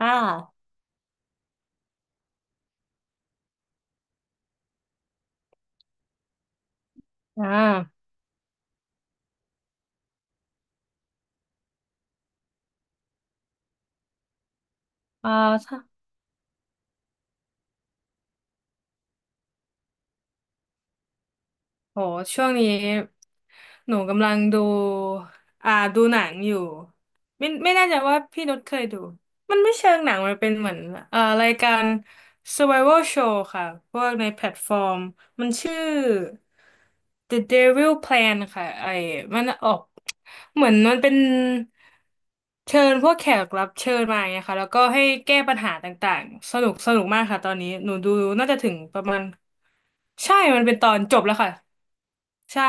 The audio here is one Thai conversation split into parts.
อ่าอ่าเอ่อถ้า โหช่วงนี้หนูกำลังดูดูหนังอยู่ไม่แน่ใจว่าพี่นุชเคยดูมันไม่เชิงหนังมันเป็นเหมือนรายการ Survival Show ค่ะพวกในแพลตฟอร์มมันชื่อ The Devil Plan ค่ะไอ้มันออกเหมือนมันเป็นเชิญพวกแขกรับเชิญมาอย่างเงี้ยค่ะแล้วก็ให้แก้ปัญหาต่างๆสนุกมากค่ะตอนนี้หนูดูน่าจะถึงประมาณใช่มันเป็นตอนจบแล้วค่ะ ใช่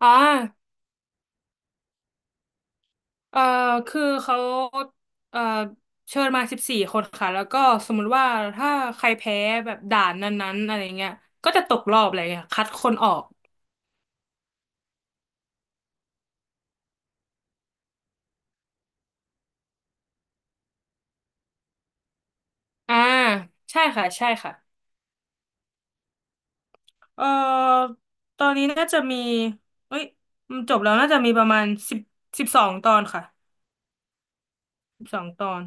อ๋อเออคือเขาเออเชิญมา14 คนค่ะ แล้วก็สมมุติว่าถ้าใครแพ้แบบด่านนั้นๆอะไรเงี้ยก็จะตกรอบอะไรเงี้ยคัดคนออก อ่าใช่ค่ะ ใช่ค่ะเออตอนนี้น่าจะมีเอ้ยมันจบแล้วน่าจะมีประมาณ10 12 ตอนค่ะสิบสองตอน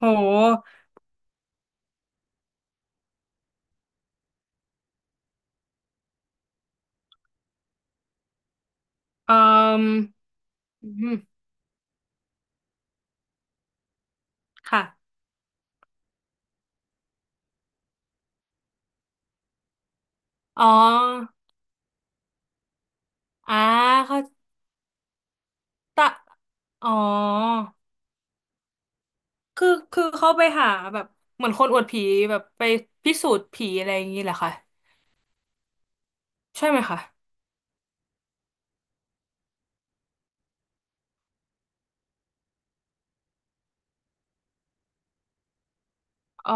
โหเอ่ออืมค่ะ อ๋ออ่าเขาตะอ๋อ คือเขาไปหาแบบเหมือนคนอวดผีแบบไปพิสูจน์ผีอะไรอย่างนี้แหละค่ะใช่ไหมคะอ๋อ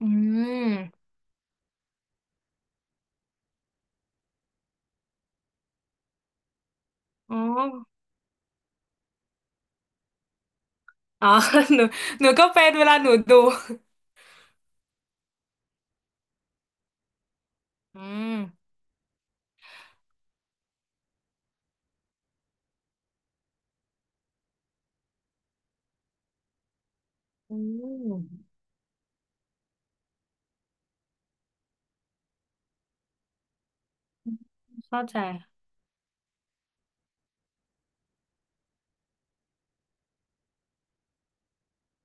อืม อ๋อ อ๋อ หนูหนูก็เป็นเวลาหนูดูอืมอืมเข้าใจ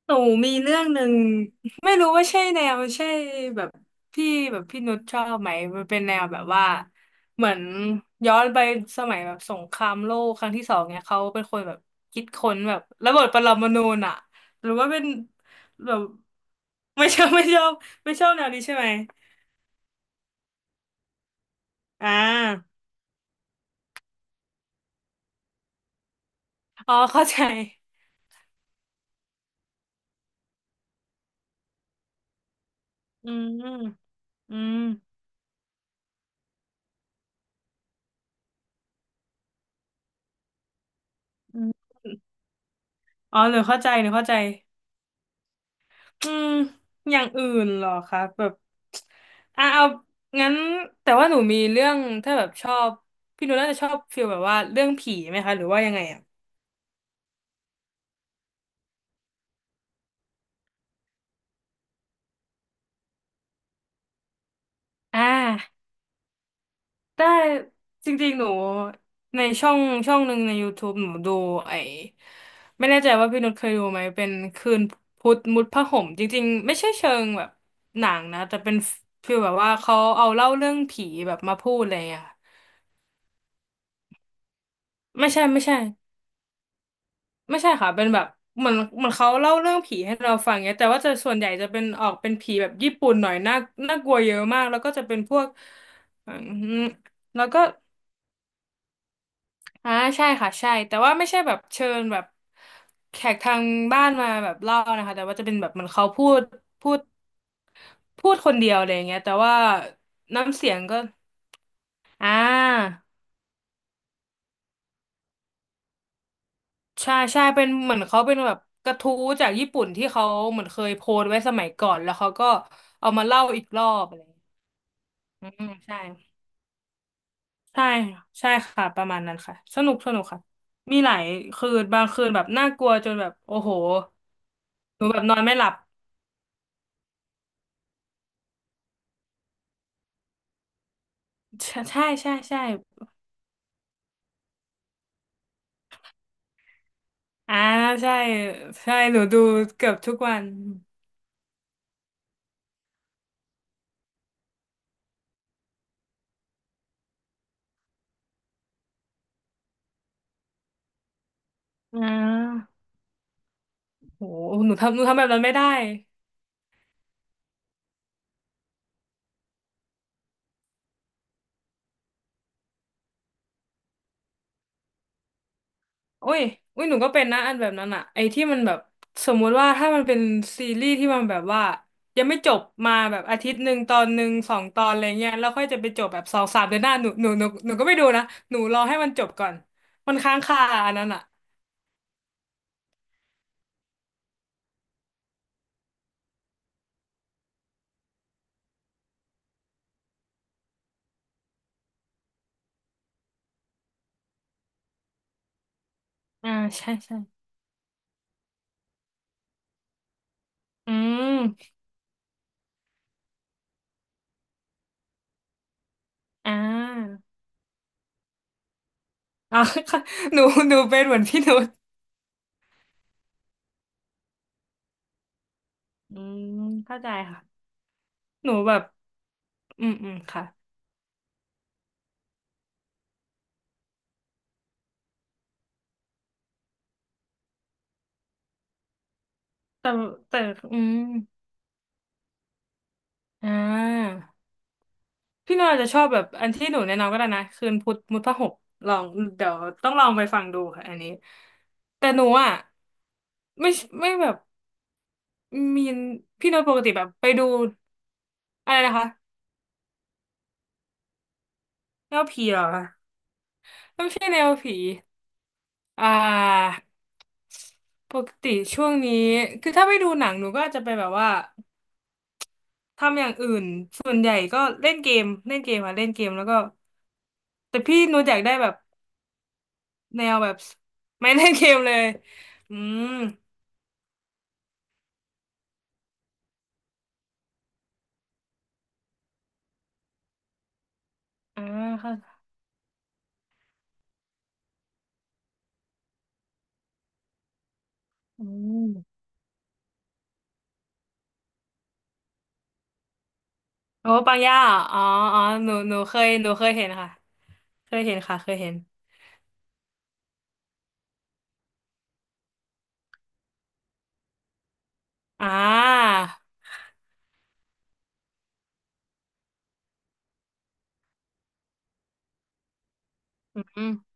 หนูมีเรื่องหนึ่งไม่รู้ว่าใช่แนวใช่แบบที่แบบพี่นุชชอบไหมมันเป็นแนวแบบว่าเหมือนย้อนไปสมัยแบบสงครามโลกครั้งที่ 2เนี่ยเขาเป็นคนแบบคิดค้นแบบระเบิดปรมาณูน่ะหรือว่าเป็นแบบไม่ชอบ ไม่ชอบไม่ชอบแนวนี้ใช่ไหมอ่าอ๋อเข้าใจอืมอืมอืมอ๋อหนูเข้าใจ อืมอย่างอื่นเหรอคะแบบอ่ะเอางั้นแต่ว่าหนูมีเรื่องถ้าแบบชอบพี่หนูน่าจะชอบฟีลแบบว่าเรื่องผีไหมคะหรือว่ายังไงอ่ะอ่าได้จริงๆหนูในช่องช่องหนึ่งในยูทูบ e หนูดูไอ้ไม่แน่ใจว่าพี่นุชเคยดูไหมเป็นคืนพุธมุดผ้าห่มจริงๆไม่ใช่เชิงแบบหนังนะแต่เป็นฟีลแบบว่าเขาเอาเล่าเรื่องผีแบบมาพูดอะไรอย่างเงี้ยค่ะไม่ใช่ไม่ใช่ ไม่ใช่ค่ะเป็นแบบเหมือนเขาเล่าเรื่องผีให้เราฟังเงี้ยแต่ว่าจะส่วนใหญ่จะเป็นออกเป็นผีแบบญี่ปุ่นหน่อยน่าน่ากลัวเยอะมากแล้วก็จะเป็นพวกอืมแล้วก็อ่าใช่ค่ะใช่แต่ว่าไม่ใช่แบบเชิญแบบแขกทางบ้านมาแบบเล่านะคะแต่ว่าจะเป็นแบบเหมันเขาพูดพูดคนเดียวอะไรอย่างเงี้ยแต่ว่าน้ำเสียงก็อ่าใช่ใช่เป็นเหมือนเขาเป็นแบบกระทู้จากญี่ปุ่นที่เขาเหมือนเคยโพสต์ไว้สมัยก่อนแล้วเขาก็เอามาเล่าอีกรอบอะไร อืมใช่ใช่ใช่ค่ะประมาณนั้นค่ะสนุกค่ะมีหลายคืนบางคืนแบบน่ากลัวจนแบบโอ้โหหนูแบบนอนไม่หลับใช่อ่าใช่ใช่หนูดูเกือบทุกวันอ่าโหหนูทำแบบนั้นไม่ได้ อุ้ยอุ้ยหนูก็เป็นนะอันแบบนั้นอะไอ้ที่มันแบบสมมุติว่าถ้ามันเป็นซีรีส์ที่มันแบบว่ายังไม่จบมาแบบอาทิตย์หนึ่งตอนหนึ่งสองตอนอะไรเงี้ยแล้วค่อยจะไปจบแบบสองสามเดือนหน้าหนูก็ไม่ดูนะหนูรอให้มันจบก่อนมันค้างคาอันนั้นอะอ่าใช่ใช่อืมอ่าอ่า หนูหนูเป็นเหมือนพี่นุชอืมเข้าใจค่ะหนูแบบอืมค่ะแต่แต่อืมอ่า พี่หน่อยจะชอบแบบอันที่หนูแนะนำก็ได้นะคืนพุธมุทพหกลองเดี๋ยวต้องลองไปฟังดูค่ะอันนี้แต่หนูอ่ะไม่ไม่แบบมีนพี่หน่อยปกติแบบไปดูอะไรนะคะแนวผีเหรอคะไม่ใช่แนวผีอ่าปกติช่วงนี้คือถ้าไม่ดูหนังหนูก็อาจจะไปแบบว่าทำอย่างอื่นส่วนใหญ่ก็เล่นเกมค่ะเล่นเกมแล้วก็แต่พี่หนูอยากได้แบบ แนวแบบ ไม่เล่นเกมเลยอืมอ่าค่ะอืมโอ้ปังย่าอ๋ออ๋อหนูเคยเห็นค่ะ เคยเห็นค่ะ เคยเห็นอ่าอืม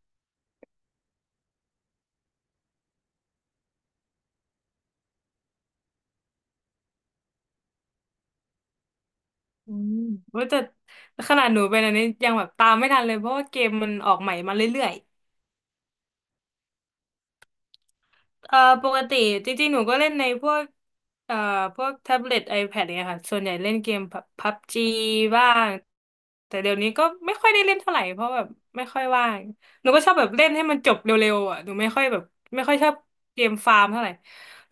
อืมว่าแต่ขนาดหนูเป็นอันนี้ยังแบบตามไม่ทันเลยเพราะว่าเกมมันออกใหม่มาเรื่อย เอ่อปกติจริงๆหนูก็เล่นในพวกเอ่อพวกแท็บเล็ต iPad เนี่ยค่ะส่วนใหญ่เล่นเกมพับจีบ้างแต่เดี๋ยวนี้ก็ไม่ค่อยได้เล่นเท่าไหร่เพราะแบบไม่ค่อยว่างหนูก็ชอบแบบเล่นให้มันจบเร็วๆอ่ะหนูไม่ค่อยแบบไม่ค่อยชอบเกมฟาร์มเท่าไหร่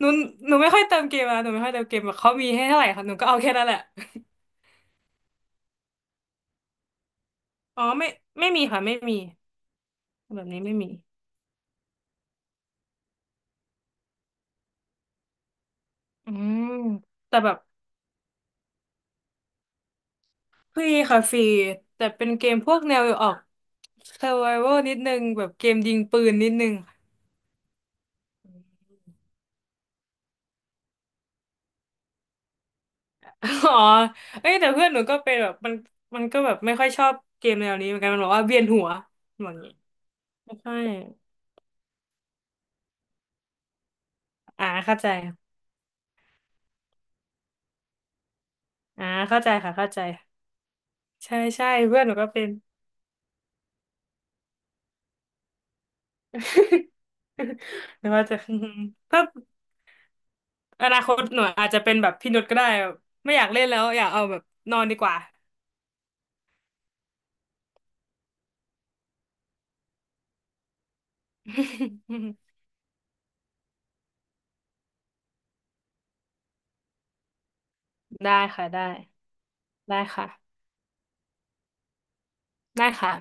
หนูหนูไม่ค่อยเติมเกมอ่ะหนูไม่ค่อยเติมเกมแบบเขามีให้เท่าไหร่ค่ะหนูก็เอาแค่นั้นแหละอ๋อไม่มีค่ะไม่มีแบบนี้ไม่มีอืมแต่แบบ ฟรีค่ะฟรีแต่เป็นเกมพวกแนวออก survival นิดนึงแบบเกมยิงปืนนิดนึง อ๋อเอ้ยแต่เพื่อนหนูก็เป็นแบบมันก็แบบไม่ค่อยชอบเกมแนวนี้เหมือนกันมันบอกว่าเวียนหัวแบบนี้ไม่ค่อยอ่าเข้าใจอ่าเข้าใจค่ะเข้าใจใช่ใช่เพื่อนหนูก็เป็น หนูว่าจะ อืมถ้าอนาคตหนูอาจจะเป็นแบบพี่นุชก็ได้แบบไม่อยากเล่นแล้วอยากเอาแบบนอนดีกว่า ได้ค่ะได้ได้ค่ะ ได้ค่ะ